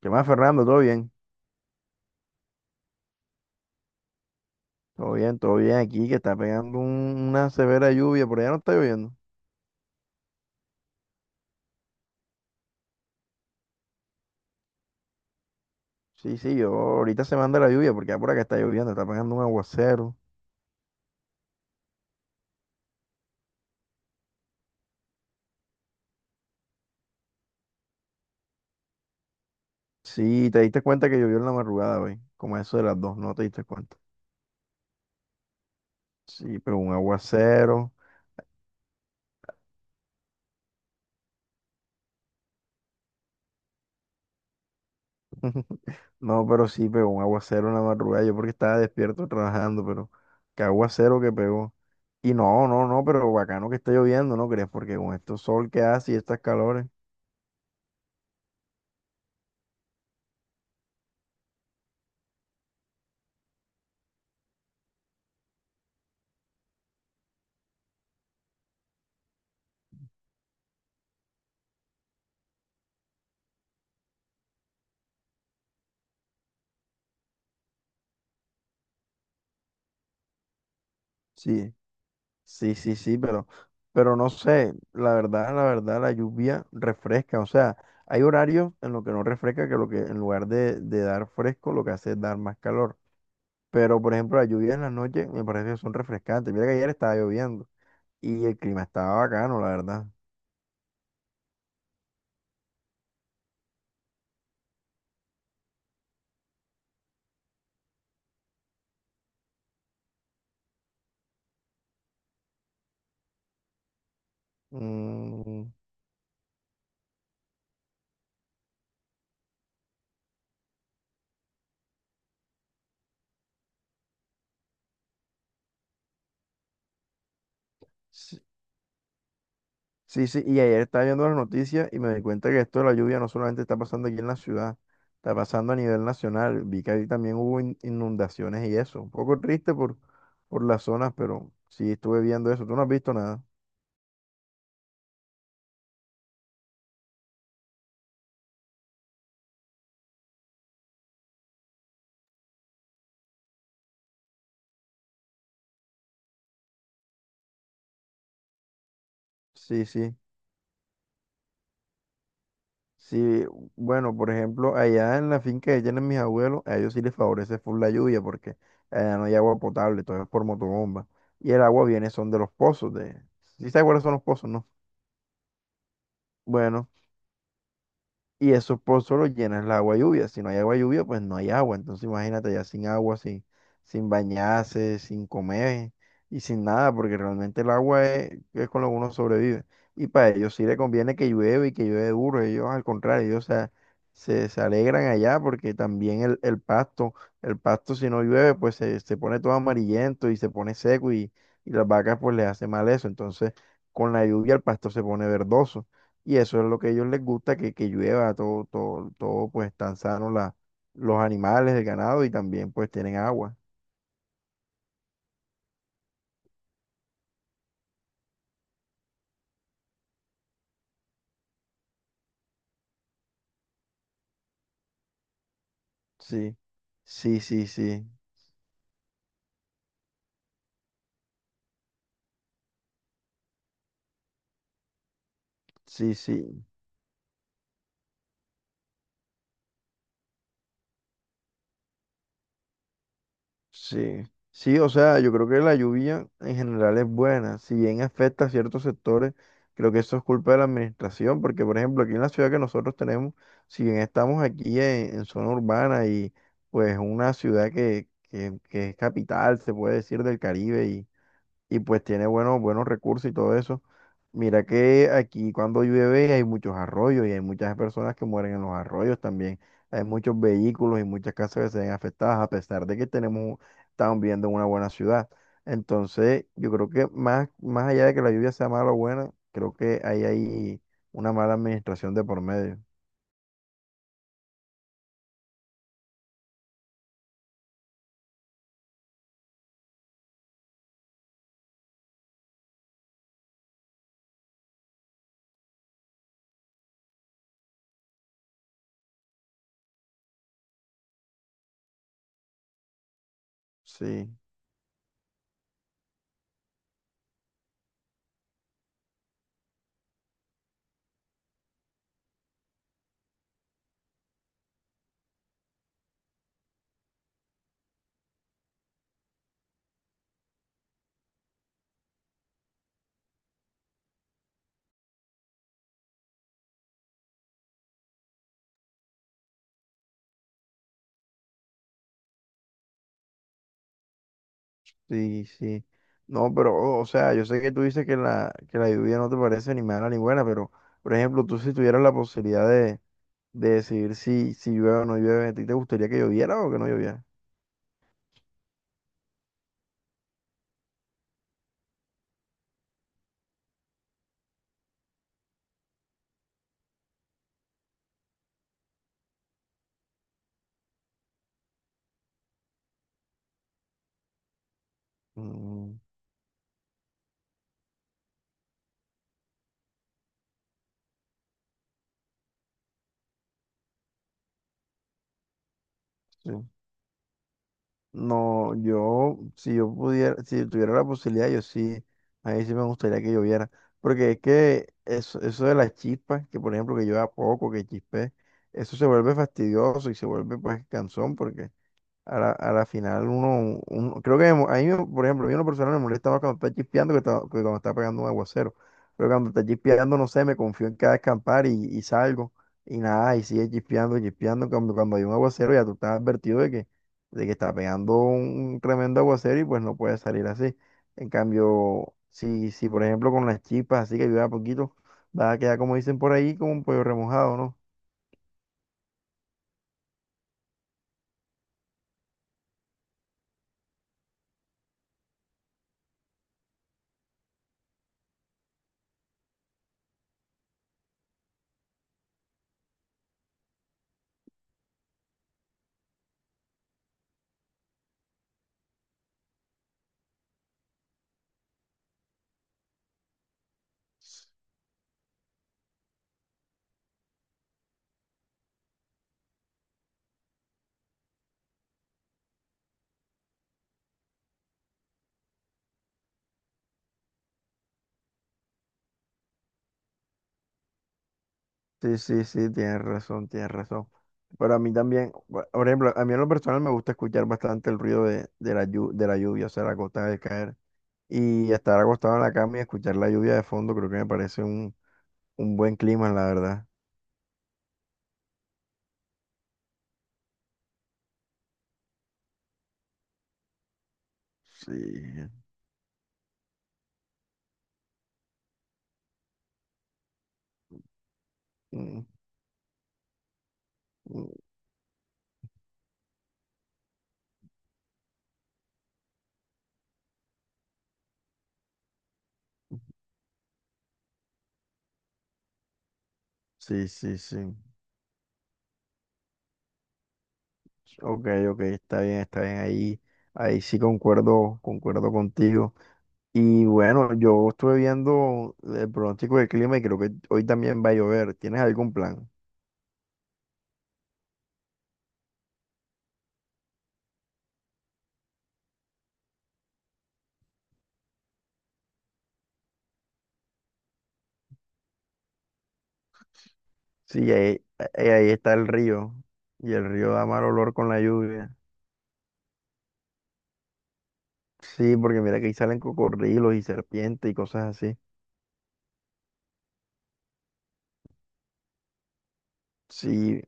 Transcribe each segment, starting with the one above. ¿Qué más, Fernando? ¿Todo bien? Todo bien, todo bien aquí, que está pegando una severa lluvia, por allá no está lloviendo. Sí, sí, yo ahorita se manda la lluvia porque ya por acá está lloviendo, está pegando un aguacero. Sí, te diste cuenta que llovió en la madrugada, güey, como a eso de las dos, no te diste cuenta. Sí, pero un aguacero. No, pero sí pegó un aguacero en la madrugada, yo porque estaba despierto trabajando, pero qué aguacero que pegó. Y no, no, no, pero bacano que está lloviendo, ¿no crees? Porque con este sol que hace y estas calores, sí. Sí, sí, sí, pero no sé, la verdad, la verdad, la lluvia refresca, o sea, hay horarios en los que no refresca, que lo que en lugar de dar fresco, lo que hace es dar más calor. Pero, por ejemplo, las lluvias en las noches me parece que son refrescantes. Mira que ayer estaba lloviendo y el clima estaba bacano, la verdad. Mm, sí. Sí, sí, y ayer estaba viendo las noticias y me di cuenta que esto de la lluvia no solamente está pasando aquí en la ciudad, está pasando a nivel nacional. Vi que ahí también hubo inundaciones y eso. Un poco triste por las zonas, pero sí estuve viendo eso. ¿Tú no has visto nada? Sí, sí. Sí, bueno, por ejemplo, allá en la finca que tienen mis abuelos, a ellos sí les favorece full la lluvia porque allá no hay agua potable, todo es por motobomba. Y el agua viene son de los pozos de... ¿Sí sabes cuáles son los pozos, no? Bueno. Y esos pozos los llenas el agua lluvia. Si no hay agua lluvia, pues no hay agua. Entonces imagínate ya sin agua, sin, sin bañarse, sin comer y sin nada, porque realmente el agua es con lo que uno sobrevive. Y para ellos sí le conviene que llueve y que llueve duro. Ellos al contrario, ellos se alegran allá porque también el pasto si no llueve, pues se pone todo amarillento y se pone seco y las vacas pues les hace mal eso. Entonces con la lluvia el pasto se pone verdoso. Y eso es lo que a ellos les gusta, que llueva, todo, todo, todo, pues tan sano la, los animales, el ganado y también pues tienen agua. Sí, sí, sí, sí, sí, sí, sí. Sí, o sea, yo creo que la lluvia en general es buena. Si bien afecta a ciertos sectores, creo que eso es culpa de la administración, porque por ejemplo aquí en la ciudad que nosotros tenemos, si bien estamos aquí en zona urbana y pues una ciudad que, que es capital, se puede decir, del Caribe y pues tiene buenos, buenos recursos y todo eso. Mira que aquí cuando llueve hay muchos arroyos y hay muchas personas que mueren en los arroyos también. Hay muchos vehículos y muchas casas que se ven afectadas a pesar de que tenemos, estamos viviendo en una buena ciudad. Entonces, yo creo que más, más allá de que la lluvia sea mala o buena, creo que ahí hay una mala administración de por medio. Sí. Sí, sí. No, pero, o sea, yo sé que tú dices que la lluvia no te parece ni mala ni buena, pero, por ejemplo, tú si tuvieras la posibilidad de decidir si, si llueve o no llueve, ¿a ti te gustaría que lloviera o que no lloviera? Mm, sí. No, yo, si yo pudiera, si tuviera la posibilidad, yo sí, ahí sí me gustaría que lloviera. Porque es que eso de las chispas, que por ejemplo que llueva poco, que chispe, eso se vuelve fastidioso y se vuelve pues cansón porque a la final uno, uno- creo que me mo- a mí, me- por ejemplo, a mí una persona me molesta más cuando está chispeando que cuando está pegando un aguacero. Pero cuando está chispeando, no sé, me confío en que va a escampar y salgo. Y nada, y sigue chispeando, chispeando. Cuando, cuando hay un aguacero ya tú estás advertido de que está pegando un tremendo aguacero y pues no puedes salir así. En cambio, si, si por ejemplo con las chispas así que ayuda poquito, va a quedar como dicen por ahí, como un pollo remojado, ¿no? Sí, sí, sí, tienes razón, tienes razón. Pero a mí también, por ejemplo, a mí en lo personal me gusta escuchar bastante el ruido de la, de la lluvia, o sea, la gota de caer. Y estar acostado en la cama y escuchar la lluvia de fondo, creo que me parece un buen clima, la verdad. Sí, mm, mm, sí, sí, sí. Ok, ok, está bien, está bien. Ahí, ahí sí concuerdo, concuerdo contigo. Y bueno, yo estuve viendo el pronóstico del clima y creo que hoy también va a llover. ¿Tienes algún plan? Sí, ahí, ahí está el río. Y el río da mal olor con la lluvia. Sí, porque mira que ahí salen cocodrilos y serpientes y cosas así. Sí,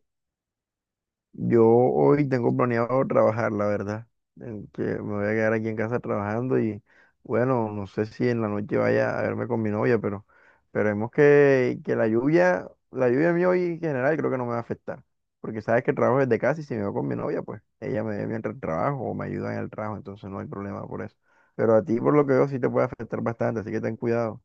yo hoy tengo planeado trabajar, la verdad. En que me voy a quedar aquí en casa trabajando y bueno, no sé si en la noche vaya a verme con mi novia, pero esperemos que la lluvia a mí hoy en general creo que no me va a afectar. Porque sabes que trabajo desde casa y si me voy con mi novia, pues ella me ve mientras trabajo o me ayuda en el trabajo, entonces no hay problema por eso. Pero a ti por lo que veo sí te puede afectar bastante, así que ten cuidado.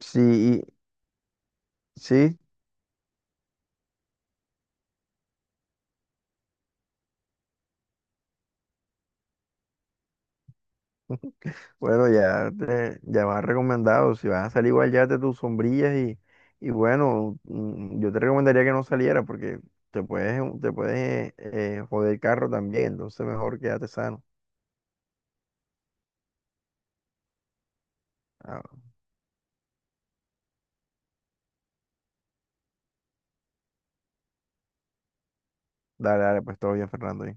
Sí, y- sí. Bueno, ya, ya vas recomendado. Si vas a salir igual, llévate tus sombrillas y bueno, mm, yo te recomendaría que no saliera porque te puedes joder el carro también. Entonces mejor quédate sano. Ah, dale, dale, pues todo bien, Fernando.